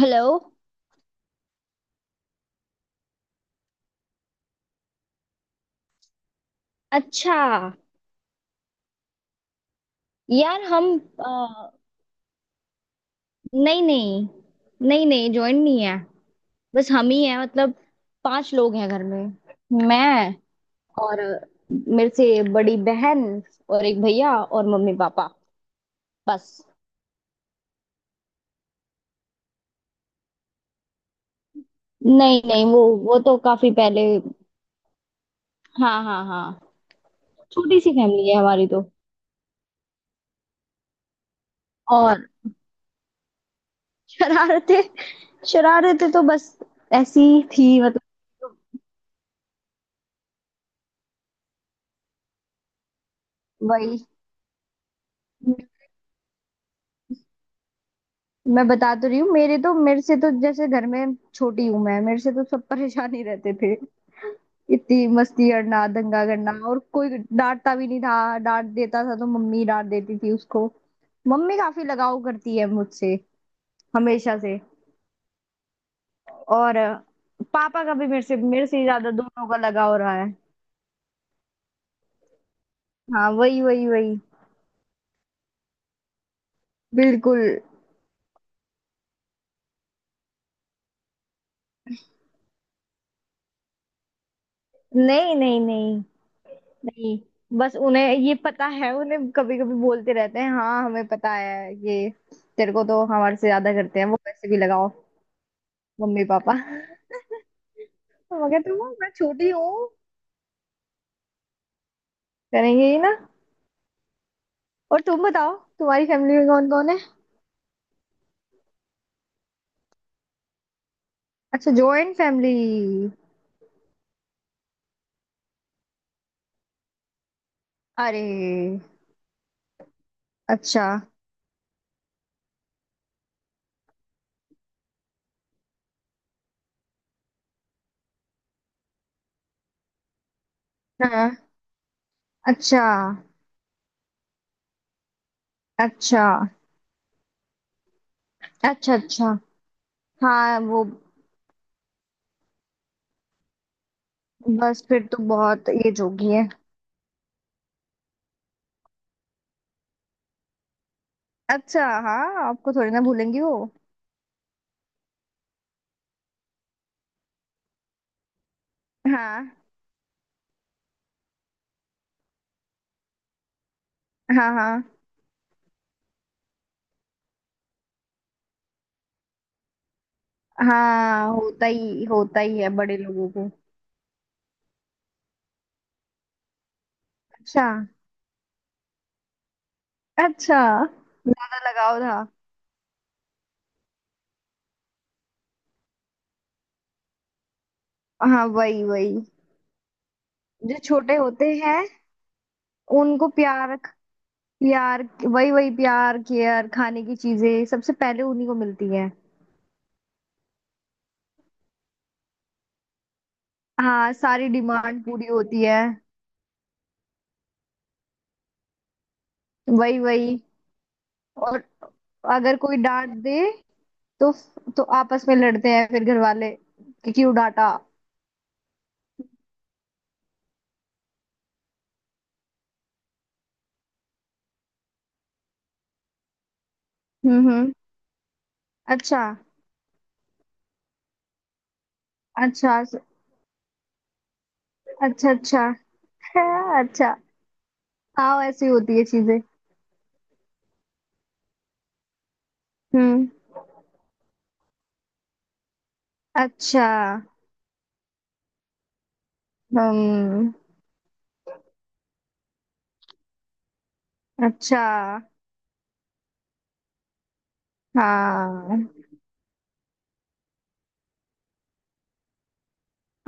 Hello. अच्छा। यार हम अ, नहीं नहीं नहीं नहीं ज्वाइन नहीं है। बस हम ही हैं मतलब पांच लोग हैं घर में। मैं और मेरे से बड़ी बहन और एक भैया और मम्मी पापा बस। नहीं नहीं वो तो काफी पहले। हाँ हाँ हाँ। छोटी सी फैमिली है हमारी तो। और शरारतें शरारतें तो बस ऐसी थी मतलब। वही मैं बता तो रही हूँ मेरे तो मेरे से तो जैसे घर में छोटी हूँ मैं मेरे से तो सब परेशान ही रहते थे। इतनी मस्ती करना दंगा करना और कोई डांटता भी नहीं था। डांट देता था तो मम्मी डांट देती थी उसको। मम्मी काफी लगाव करती है मुझसे हमेशा से। और पापा का भी मेरे से ही ज्यादा दोनों का लगाव रहा है। हाँ वही वही वही। बिल्कुल। नहीं नहीं नहीं नहीं। बस उन्हें ये पता है। उन्हें कभी कभी बोलते रहते हैं हाँ हमें पता है ये। तेरे को तो हमारे से ज्यादा करते हैं वो। पैसे भी लगाओ मम्मी पापा। मगर तुम मैं छोटी हूँ करेंगे ही ना। और तुम बताओ तुम्हारी फैमिली में कौन कौन है। अच्छा जॉइंट फैमिली। अरे। अच्छा। हाँ। अच्छा अच्छा। अच्छा। अच्छा हाँ वो। बस फिर तो बहुत एज होगी है। अच्छा हाँ आपको थोड़ी ना भूलेंगी वो। हाँ हाँ हाँ हाँ होता ही है बड़े लोगों को। अच्छा अच्छा। ज्यादा लगाव था। हाँ वही वही। जो छोटे होते हैं उनको प्यार। प्यार वही वही। प्यार केयर खाने की चीजें सबसे पहले उन्हीं को मिलती है। हाँ सारी डिमांड पूरी होती है। वही वही। और अगर कोई डांट दे तो तो आपस में लड़ते हैं फिर घर वाले कि क्यों डांटा। हम्म। अच्छा अच्छा अच्छा अच्छा। अच्छा। हाँ ऐसी होती है चीजें। हम्म। अच्छा। हम्म। अच्छा। हाँ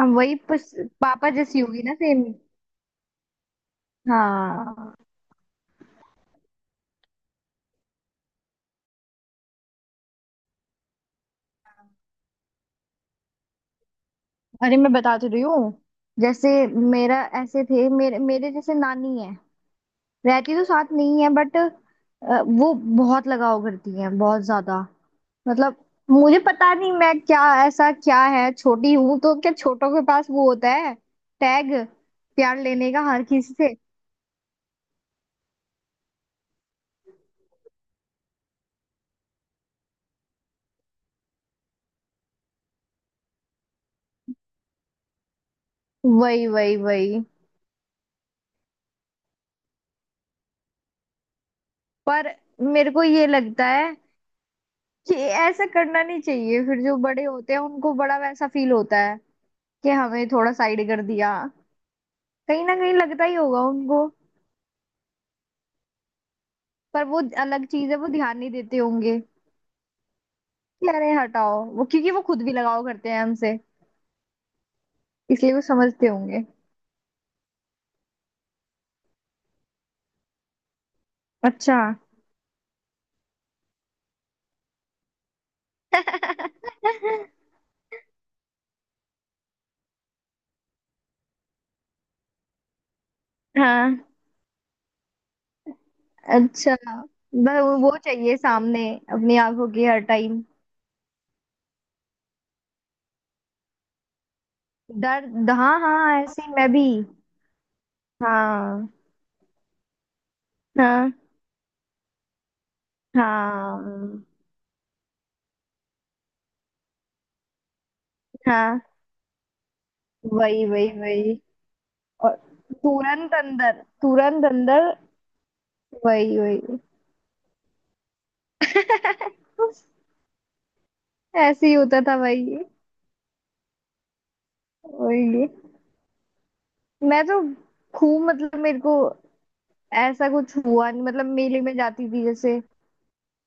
हम वही पापा जैसी होगी ना सेम। हाँ। अरे मैं बता तो रही हूँ। जैसे मेरा ऐसे थे मेरे मेरे जैसे नानी है। रहती तो साथ नहीं है बट वो बहुत लगाव करती है बहुत ज्यादा मतलब। मुझे पता नहीं मैं क्या ऐसा क्या है छोटी हूं तो क्या छोटों के पास वो होता है। टैग प्यार लेने का हर किसी से। वही वही वही। पर मेरे को ये लगता है कि ऐसा करना नहीं चाहिए। फिर जो बड़े होते हैं उनको बड़ा वैसा फील होता है कि हमें थोड़ा साइड कर दिया। कहीं ना कहीं लगता ही होगा उनको। पर वो अलग चीज है वो ध्यान नहीं देते होंगे कि अरे हटाओ वो क्योंकि वो खुद भी लगाव करते हैं हमसे। इसलिए वो समझते होंगे। अच्छा। हाँ अच्छा। बस वो चाहिए सामने अपनी आंखों की हर टाइम। डर हाँ हाँ ऐसे ही मैं भी। हाँ हाँ हाँ हाँ। वही वही वही। और तुरंत अंदर तुरंत अंदर। वही वही। ऐसे ही होता था वही। वही। मैं तो खूब मतलब मेरे को ऐसा कुछ हुआ नहीं। मतलब मेले में जाती थी जैसे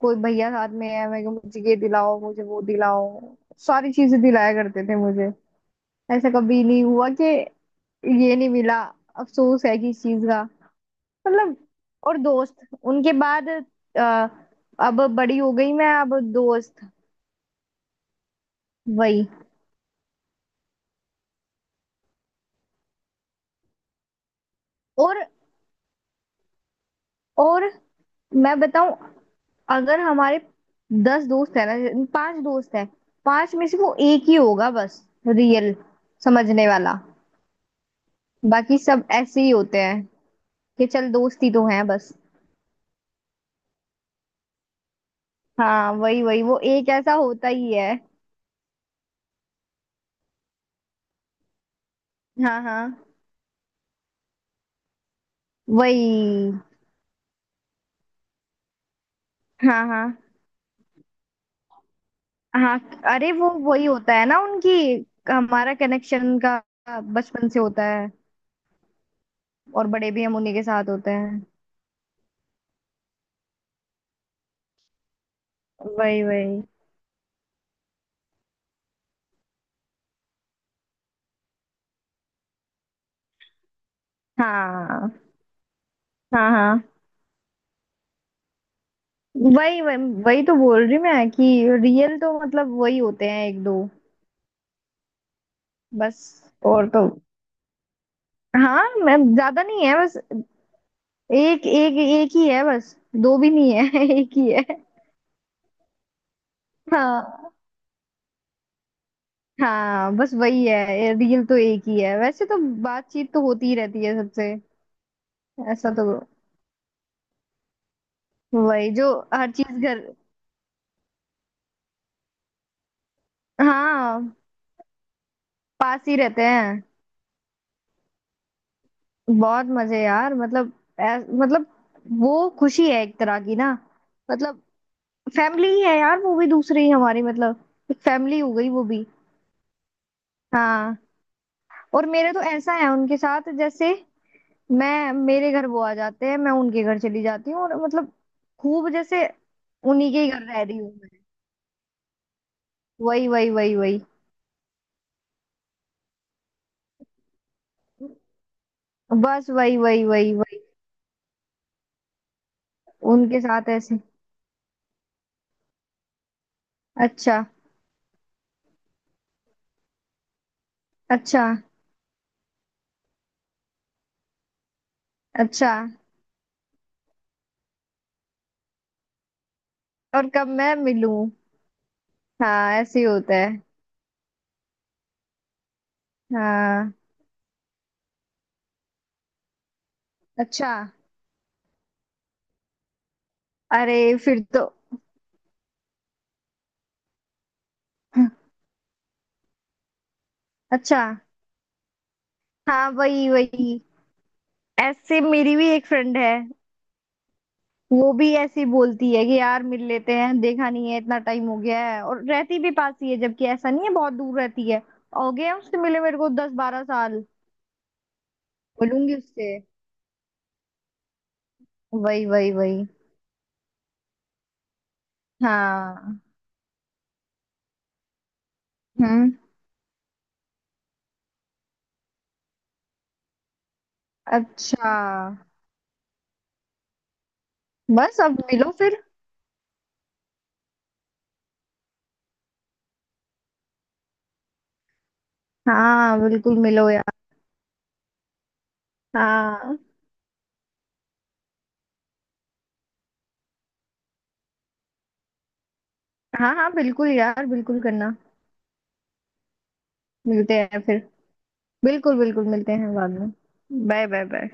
कोई भैया साथ में है। मैं को मुझे ये दिलाओ मुझे वो दिलाओ। सारी चीजें दिलाया करते थे मुझे। ऐसा कभी नहीं हुआ कि ये नहीं मिला। अफसोस है किस चीज का मतलब। और दोस्त उनके बाद अब बड़ी हो गई मैं अब दोस्त। वही। और और मैं बताऊं। अगर हमारे 10 दोस्त है ना पांच दोस्त है। पांच में से वो एक ही होगा बस। रियल समझने वाला। बाकी सब ऐसे ही होते हैं कि चल दोस्त ही तो हैं बस। हाँ वही वही। वो एक ऐसा होता ही है। हाँ हाँ। वही। हाँ हाँ हाँ। अरे वो वही होता है ना उनकी। हमारा कनेक्शन का बचपन से होता है और बड़े भी हम उन्हीं के साथ होते हैं। वही वही। हाँ। हाँ हाँ वही वही वही तो बोल रही मैं कि रियल तो मतलब वही होते हैं एक दो। बस और तो। हाँ मैं ज्यादा नहीं है बस। एक एक एक ही है बस। दो भी नहीं है। एक ही है। हाँ हाँ बस वही है। रियल तो एक ही है वैसे तो। बातचीत तो होती ही रहती है सबसे। ऐसा तो। वही जो हर चीज घर। हाँ पास ही रहते हैं। बहुत मजे यार मतलब मतलब वो खुशी है एक तरह की ना मतलब। फैमिली ही है यार वो भी दूसरी ही हमारी मतलब। एक फैमिली हो गई वो भी। हाँ। और मेरे तो ऐसा है उनके साथ जैसे मैं मेरे घर वो आ जाते हैं मैं उनके घर चली जाती हूँ और मतलब खूब जैसे उन्हीं के ही घर रह रही हूँ मैं। वही वही वही वही। बस वही वही वही वही। उनके साथ ऐसे। अच्छा अच्छा अच्छा। और कब मैं मिलूं। हाँ ऐसे ही होता है। हाँ। अच्छा। अरे फिर तो। अच्छा। हाँ वही वही। ऐसे मेरी भी एक फ्रेंड है। वो भी ऐसी बोलती है कि यार मिल लेते हैं देखा नहीं है इतना टाइम हो गया है और रहती भी पास ही है जबकि ऐसा नहीं है बहुत दूर रहती है। हो गया उससे मिले मेरे को 10-12 साल। मिलूंगी उससे। वही वही वही। हाँ हम्म। अच्छा बस अब मिलो फिर। हाँ बिल्कुल मिलो यार। हाँ हाँ हाँ बिल्कुल यार बिल्कुल करना। मिलते हैं फिर। बिल्कुल बिल्कुल मिलते हैं बाद में। Bye bye bye.